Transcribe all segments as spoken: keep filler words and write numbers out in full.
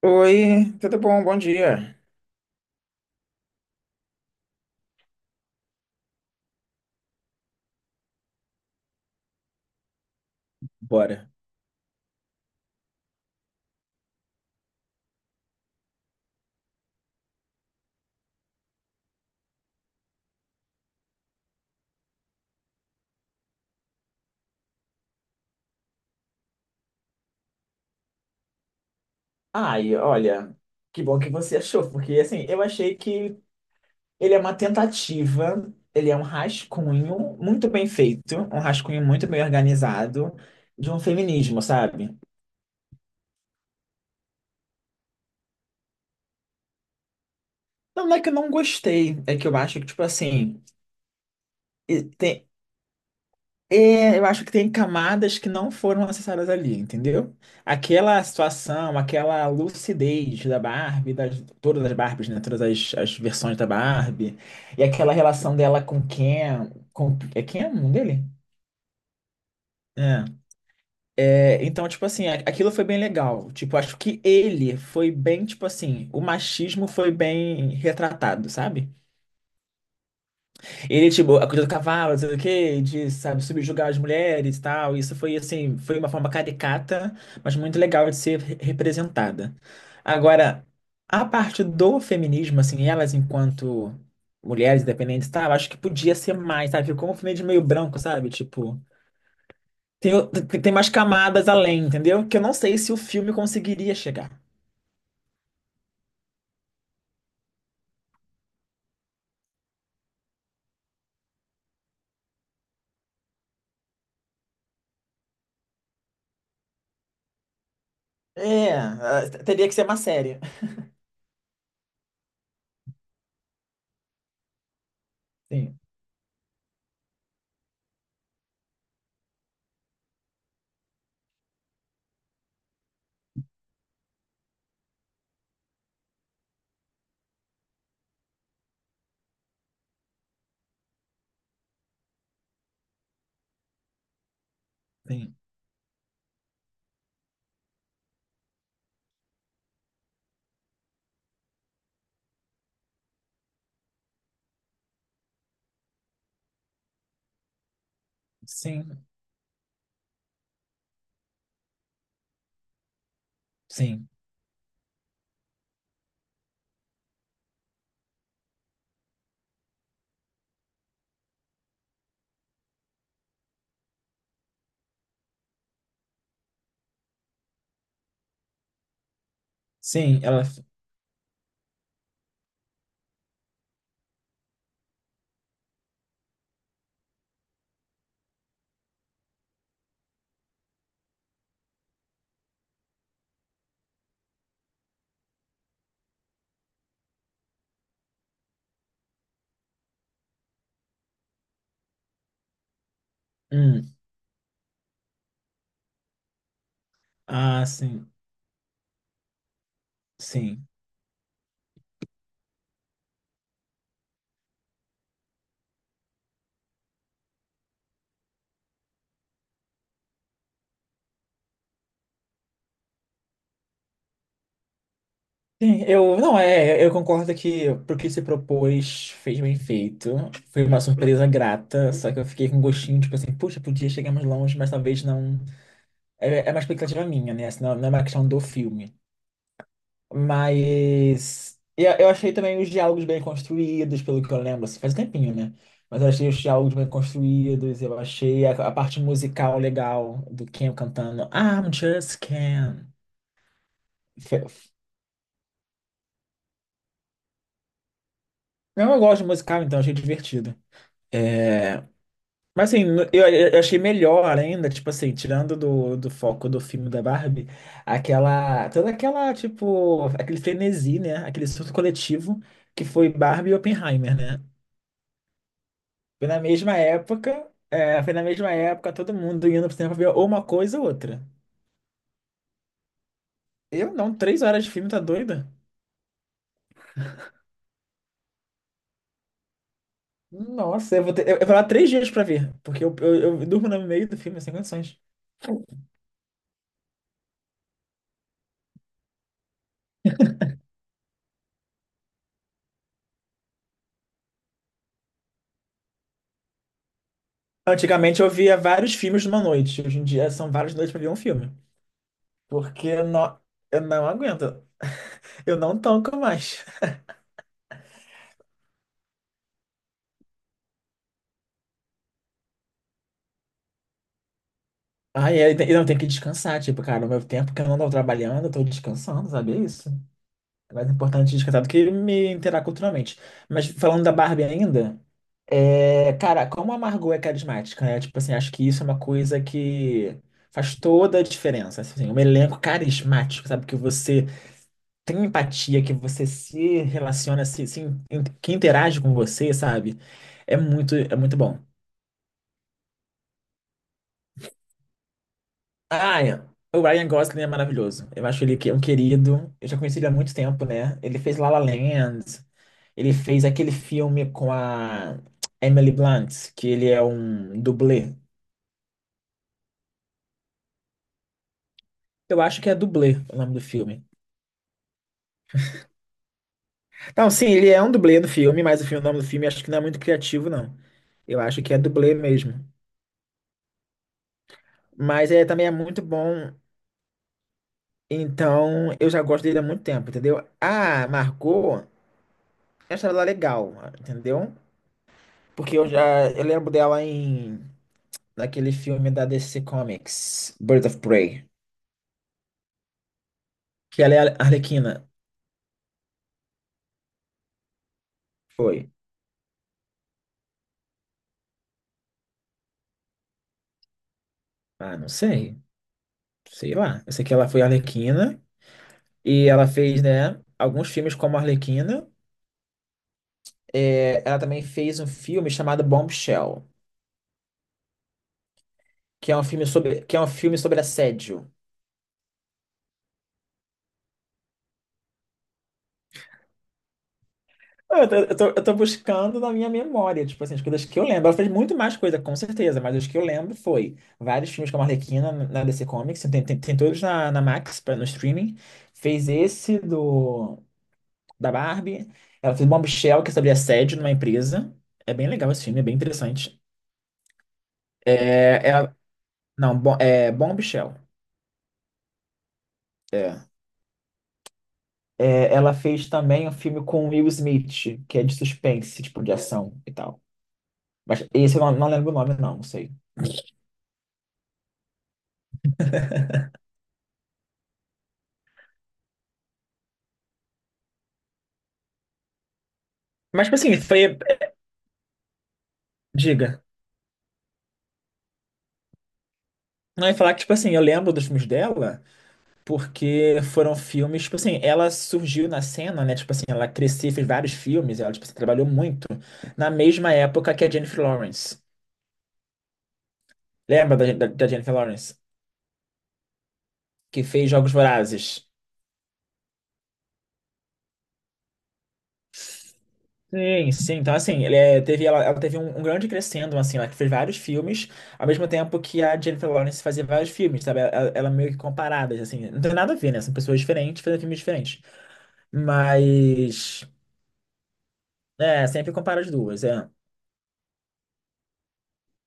Oi, tudo bom? Bom dia. Bora. Ai, olha, que bom que você achou, porque assim, eu achei que ele é uma tentativa, ele é um rascunho muito bem feito, um rascunho muito bem organizado de um feminismo, sabe? Não, não é que eu não gostei, é que eu acho que, tipo assim, e tem. É, eu acho que tem camadas que não foram acessadas ali, entendeu? Aquela situação, aquela lucidez da Barbie, das, todas as Barbies, né? Todas as, as versões da Barbie, e aquela relação dela com Ken, com, é Ken o nome dele? É. É, então, tipo assim, a- aquilo foi bem legal. Tipo, acho que ele foi bem, tipo assim, o machismo foi bem retratado, sabe? Ele, tipo, a coisa do cavalo, não sei o quê, de, sabe, subjugar as mulheres e tal. Isso foi, assim, foi uma forma caricata, mas muito legal de ser re- representada. Agora, a parte do feminismo, assim, elas enquanto mulheres independentes e tal, acho que podia ser mais, sabe? Ficou um feminismo meio branco, sabe? Tipo, tem, o- tem tem mais camadas além, entendeu? Que eu não sei se o filme conseguiria chegar. É, ah, teria que ser uma série. Sim, sim, sim, sim, sim, ela. Hum. Ah, sim, sim. Sim, eu não é, eu concordo que pro que se propôs fez bem feito. Foi uma surpresa grata, só que eu fiquei com um gostinho, tipo assim, puxa, podia chegar mais longe, mas talvez não. É, é uma expectativa minha, né? Assim, não, não é uma questão do filme. Mas eu, eu achei também os diálogos bem construídos, pelo que eu lembro, assim, faz um tempinho, né? Mas eu achei os diálogos bem construídos, eu achei a, a parte musical legal do Cam cantando I'm just Cam. Não, eu gosto de musical, então, achei divertido. É, mas assim, no- eu, eu achei melhor ainda, tipo assim, tirando do, do foco do filme da Barbie, aquela, toda aquela, tipo, aquele frenesi, né? Aquele surto coletivo que foi Barbie e Oppenheimer, né? Foi na mesma época, é, foi na mesma época, todo mundo indo pro cinema pra ver ou uma coisa ou outra. Eu não, três horas de filme, tá doida? Nossa, eu vou ter, eu, eu vou lá três dias pra ver, porque eu, eu, eu durmo no meio do filme, sem condições. Antigamente eu via vários filmes numa noite. Hoje em dia são várias noites pra ver um filme. Porque eu não, eu não aguento. Eu não tanco mais. Ai, eu, te- eu não tenho que descansar. Tipo, cara, o meu tempo que eu não tô trabalhando, eu tô descansando, sabe? É isso. É mais importante descansar do que me interar culturalmente. Mas falando da Barbie ainda, é, cara, como a Margot é carismática, né? Tipo assim, acho que isso é uma coisa que faz toda a diferença. Assim, um elenco carismático, sabe? Que você tem empatia, que você se relaciona, se, se in- que interage com você, sabe? É muito, é muito bom. Ah, é. O Ryan Gosling é maravilhoso. Eu acho ele que é um querido. Eu já conheci ele há muito tempo, né? Ele fez La La Land. Ele fez aquele filme com a Emily Blunt, que ele é um dublê. Eu acho que é dublê o nome do filme. Não, sim, ele é um dublê do filme, mas o filme- o nome do filme acho que não é muito criativo, não. Eu acho que é dublê mesmo. Mas é, também é muito bom. Então, eu já gosto dele há muito tempo, entendeu? Ah, marcou. Essa ela é legal, entendeu? Porque eu já eu lembro dela em naquele filme da D C Comics, Birds of Prey, que ela é a Arlequina. Foi. Ah, não sei. Sei lá. Eu sei que ela foi a Arlequina e ela fez, né, alguns filmes como a Arlequina. É, ela também fez um filme chamado Bombshell, que é um filme sobre que é um filme sobre assédio. Eu tô, eu tô, eu tô buscando na minha memória, tipo assim, as coisas que eu lembro. Ela fez muito mais coisa, com certeza, mas as que eu lembro foi vários filmes com a Arlequina na D C Comics, tem, tem, tem todos na, na Max, pra- no streaming. Fez esse do da Barbie. Ela fez Bombshell, que é sobre assédio numa empresa. É bem legal esse filme, é bem interessante. É, é, não, bom, é Bombshell. É. É, ela fez também um filme com Will Smith, que é de suspense, tipo, de ação e tal. Mas esse eu não, não lembro o nome, não, não sei. Mas, tipo assim, foi. Diga. Não, eu ia falar que, tipo assim, eu lembro dos filmes dela, porque foram filmes, tipo assim, ela surgiu na cena, né? Tipo assim, ela cresceu, fez vários filmes, ela, tipo assim, trabalhou muito, na mesma época que a Jennifer Lawrence. Lembra da, da- da Jennifer Lawrence? Que fez Jogos Vorazes. Sim, sim. Então, assim, ele, é, teve, ela, ela teve um, um grande crescendo, assim, ela que fez vários filmes, ao mesmo tempo que a Jennifer Lawrence fazia vários filmes, sabe? Ela, ela meio que comparadas, assim. Não tem nada a ver, né? São pessoas diferentes, fazendo filmes diferentes. Mas. É, sempre compara as duas, é.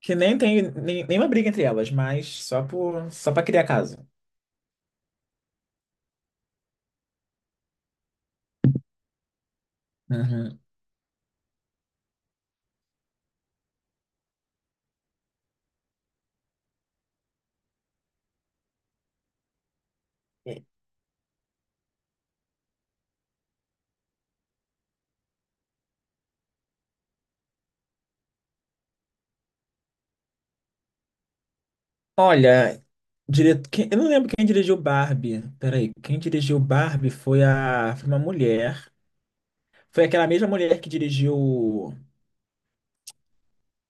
Que nem tem nem- nenhuma briga entre elas, mas só por, só pra criar caso. Uhum. E- olha, dire... quem- eu não lembro quem dirigiu Barbie. Peraí, quem dirigiu Barbie foi a foi uma mulher. Foi aquela mesma mulher que dirigiu.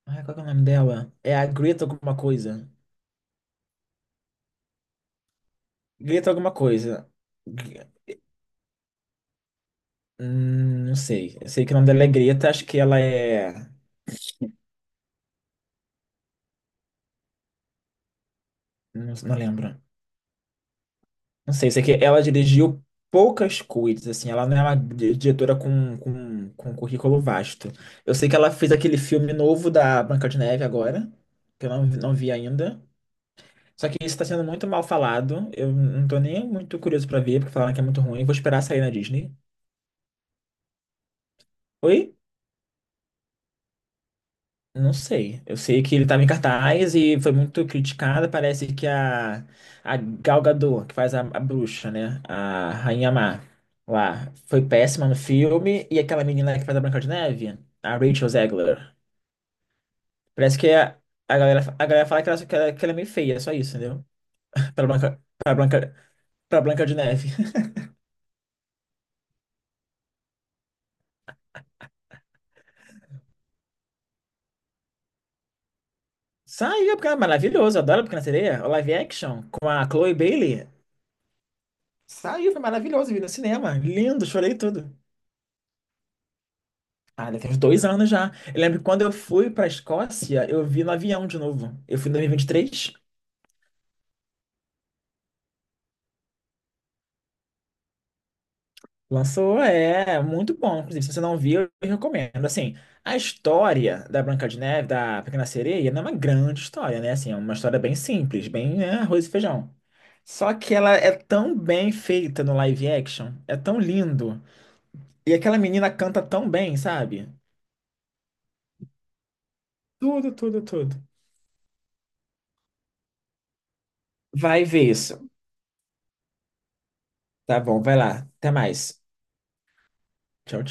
Ai, qual que é o nome dela? É a Greta alguma coisa. Greta alguma coisa. Gre- hum, não sei. Eu sei que o nome dela é Greta, acho que ela é. Não, não lembro. Não sei, sei que ela dirigiu poucas coisas, assim, ela não é uma di- diretora com, com, com currículo vasto. Eu sei que ela fez aquele filme novo da Branca de Neve agora, que eu não, vi- não vi ainda. Só que isso está sendo muito mal falado. Eu não tô nem muito curioso pra ver, porque falaram que é muito ruim. Vou esperar sair na Disney. Oi? Não sei. Eu sei que ele estava em cartaz e foi muito criticada. Parece que a, a Gal Gadot, que faz a, a bruxa, né? A Rainha Má, lá, foi péssima no filme. E aquela menina que faz a Branca de Neve, a Rachel Zegler. Parece que a, a galera, a galera fala que ela, que ela, que ela é meio feia, só isso, entendeu? Pra Branca, pra Branca, pra Branca de Neve. Saiu, porque é maravilhoso. Adoro a Pequena Sereia. O live action com a Chloe Bailey. Saiu, foi maravilhoso. Vi no cinema. Lindo, chorei tudo. Ah, já tem uns dois anos já. Eu lembro que quando eu fui pra Escócia, eu vi no avião de novo. Eu fui em dois mil e vinte e três, lançou, é muito bom. Inclusive, se você não viu, eu recomendo. Assim, a história da Branca de Neve, da Pequena Sereia, não é uma grande história, né? Assim, é uma história bem simples, bem, né, arroz e feijão. Só que ela é tão bem feita no live action, é tão lindo. E aquela menina canta tão bem, sabe? Tudo, tudo, tudo. Vai ver isso. Tá bom, vai lá. Até mais. Tchau,